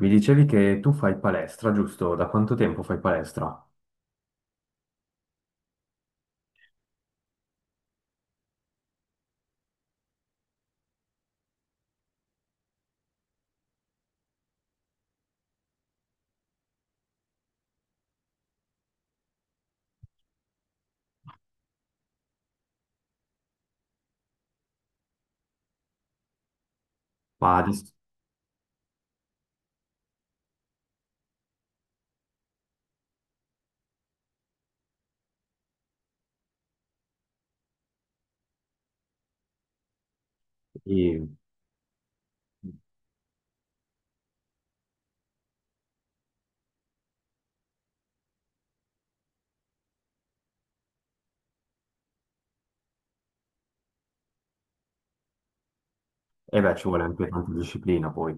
Mi dicevi che tu fai palestra, giusto? Da quanto tempo fai palestra? Ma di... E eh beh, ci vuole anche tanta disciplina poi.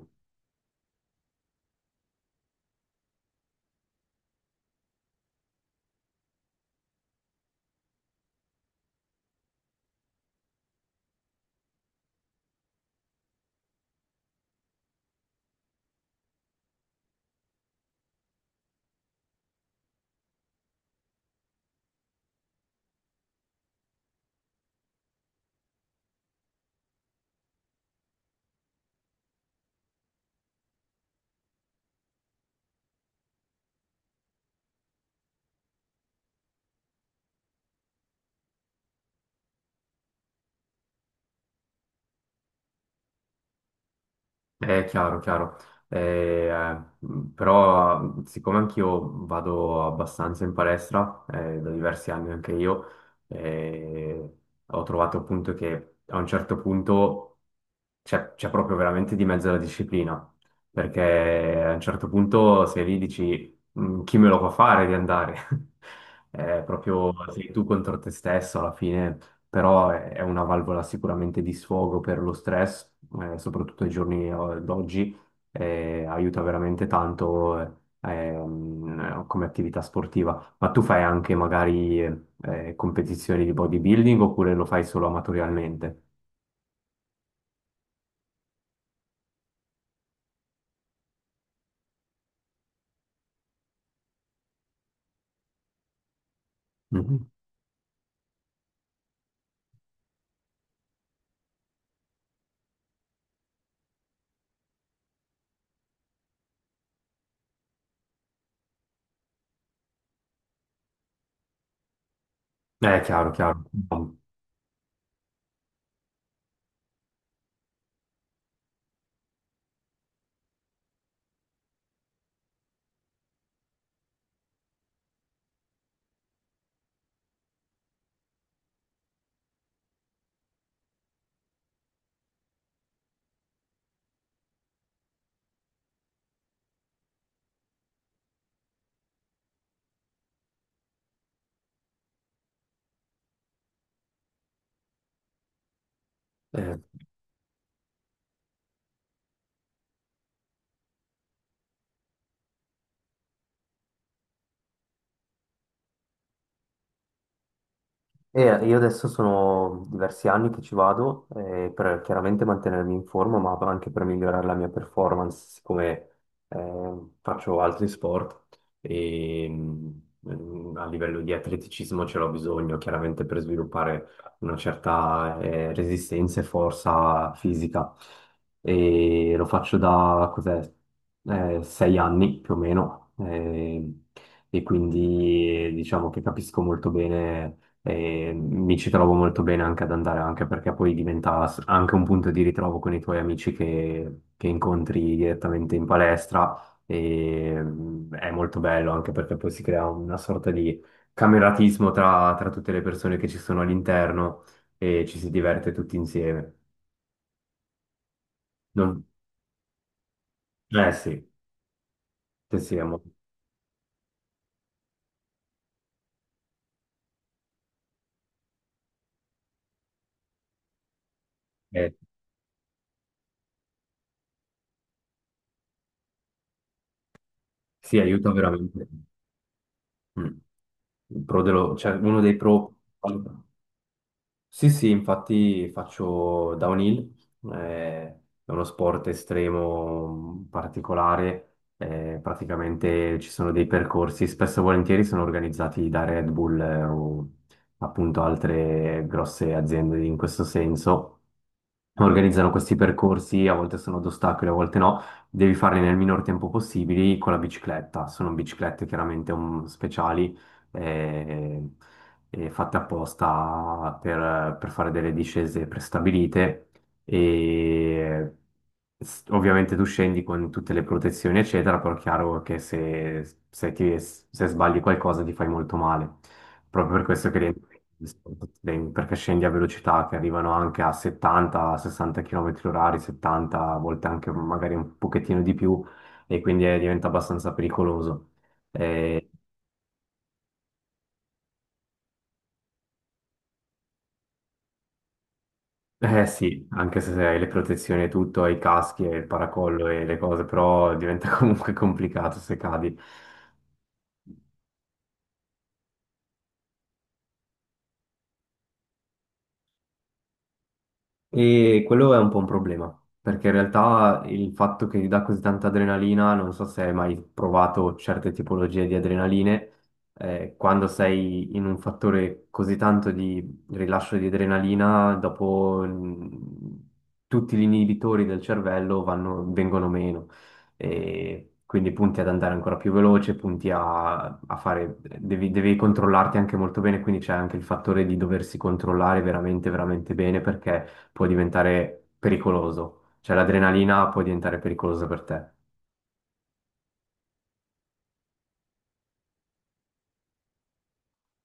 È chiaro, chiaro. Eh, eh, però siccome anch'io vado abbastanza in palestra, da diversi anni anche io, eh, ho trovato appunto che a un certo punto c'è proprio veramente di mezzo la disciplina, perché a un certo punto sei lì e dici "Mm, chi me lo fa fare di andare?" È proprio sei tu contro te stesso alla fine, però è una valvola sicuramente di sfogo per lo stress, soprattutto ai giorni d'oggi, aiuta veramente tanto come attività sportiva. Ma tu fai anche magari competizioni di bodybuilding oppure lo fai solo amatorialmente? Mhm. Chiaro, chiaro. No, eh, e io adesso sono diversi anni che ci vado per chiaramente mantenermi in forma, ma anche per migliorare la mia performance, siccome faccio altri sport e mm, a livello di atleticismo ce l'ho bisogno, chiaramente per sviluppare una certa resistenza e forza fisica. E lo faccio da cos'è, sei anni più o meno, e quindi diciamo che capisco molto bene e mi ci trovo molto bene anche ad andare, anche perché poi diventa anche un punto di ritrovo con i tuoi amici che incontri direttamente in palestra e mm, è molto bello anche perché poi si crea una sorta di cameratismo tra, tra tutte le persone che ci sono all'interno e ci si diverte tutti insieme. Non- Eh sì, sì, è molto... eh, sì, aiuta veramente. Mm. Il cioè, uno dei pro. Sì, sì, infatti faccio downhill, è uno sport estremo particolare, praticamente ci sono dei percorsi, spesso e volentieri sono organizzati da Red Bull, o appunto altre grosse aziende in questo senso. Organizzano questi percorsi, a volte sono ad ostacoli, a volte no, devi farli nel minor tempo possibile con la bicicletta, sono biciclette chiaramente speciali. eh, Fatte apposta per fare delle discese prestabilite e ovviamente tu scendi con tutte le protezioni eccetera, però è chiaro che se sbagli qualcosa ti fai molto male. Proprio per questo che rientro in sport extreme, perché scendi a velocità che arrivano anche a 70-60 km orari, 70, a volte anche magari un pochettino di più, e quindi diventa abbastanza pericoloso. Eh, Eh sì, anche se hai le protezioni e tutto, hai i caschi e il paracollo e le cose, però diventa comunque complicato se cadi. E quello è un po' un problema, perché in realtà il fatto che ti dà così tanta adrenalina, non so se hai mai provato certe tipologie di adrenaline, quando sei in un fattore così tanto di rilascio di adrenalina, dopo mm, tutti gli inibitori del cervello vengono meno. E quindi punti ad andare ancora più veloce, punti a, a fare, devi controllarti anche molto bene, quindi c'è anche il fattore di doversi controllare veramente, veramente bene perché può diventare pericoloso. Cioè l'adrenalina può diventare pericolosa per te.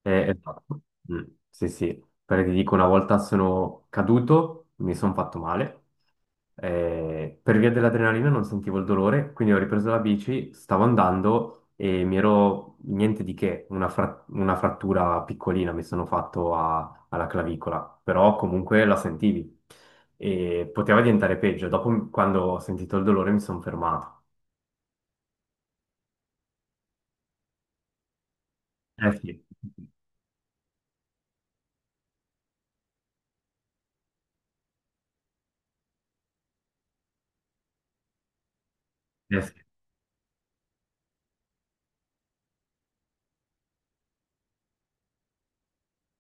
Esatto. Mm, sì, sì. Perché ti dico, una volta sono caduto, mi sono fatto male. Per via dell'adrenalina non sentivo il dolore, quindi ho ripreso la bici, stavo andando e mi ero niente di che, una, una frattura piccolina mi sono fatto alla clavicola, però comunque la sentivi e poteva diventare peggio. Dopo, quando ho sentito il dolore, mi sono fermato. Eh sì. Eh sì,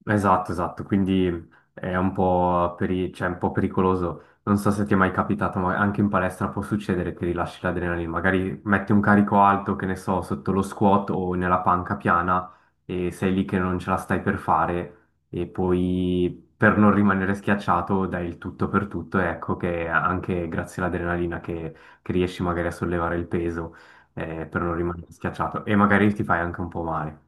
esatto, esatto, quindi è un po', cioè, un po' pericoloso. Non so se ti è mai capitato, ma anche in palestra può succedere che rilasci l'adrenalina. Magari metti un carico alto, che ne so, sotto lo squat o nella panca piana e sei lì che non ce la stai per fare e poi per non rimanere schiacciato dai il tutto per tutto e ecco che anche grazie all'adrenalina che riesci magari a sollevare il peso per non rimanere schiacciato e magari ti fai anche un po' male.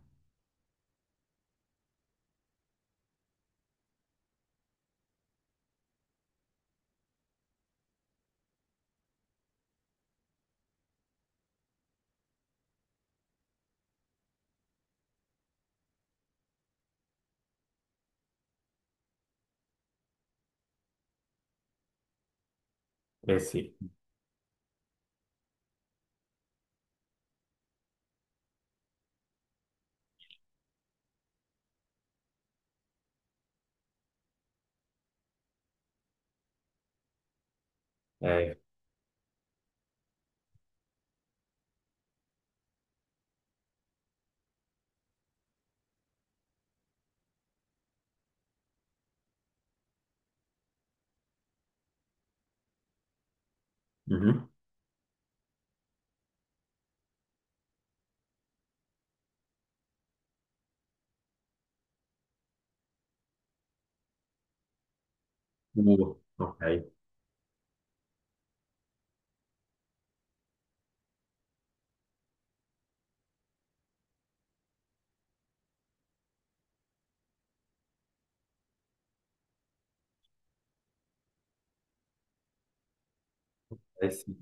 Eh sì. Eh. Mhm. Ok, eh sì.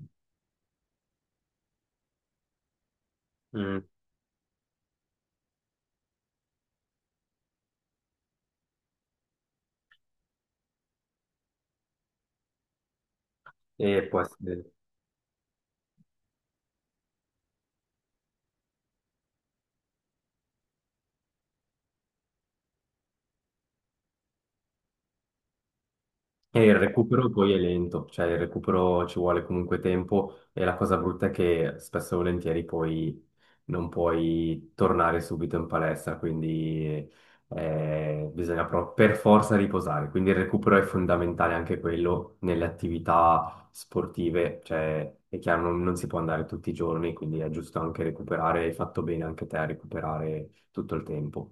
Mm, E può essere- e il recupero poi è lento, cioè il recupero ci vuole comunque tempo e la cosa brutta è che spesso e volentieri poi non puoi tornare subito in palestra, quindi bisogna proprio per forza riposare. Quindi il recupero è fondamentale anche quello nelle attività sportive, cioè è chiaro non, non si può andare tutti i giorni, quindi è giusto anche recuperare, hai fatto bene anche te a recuperare tutto il tempo.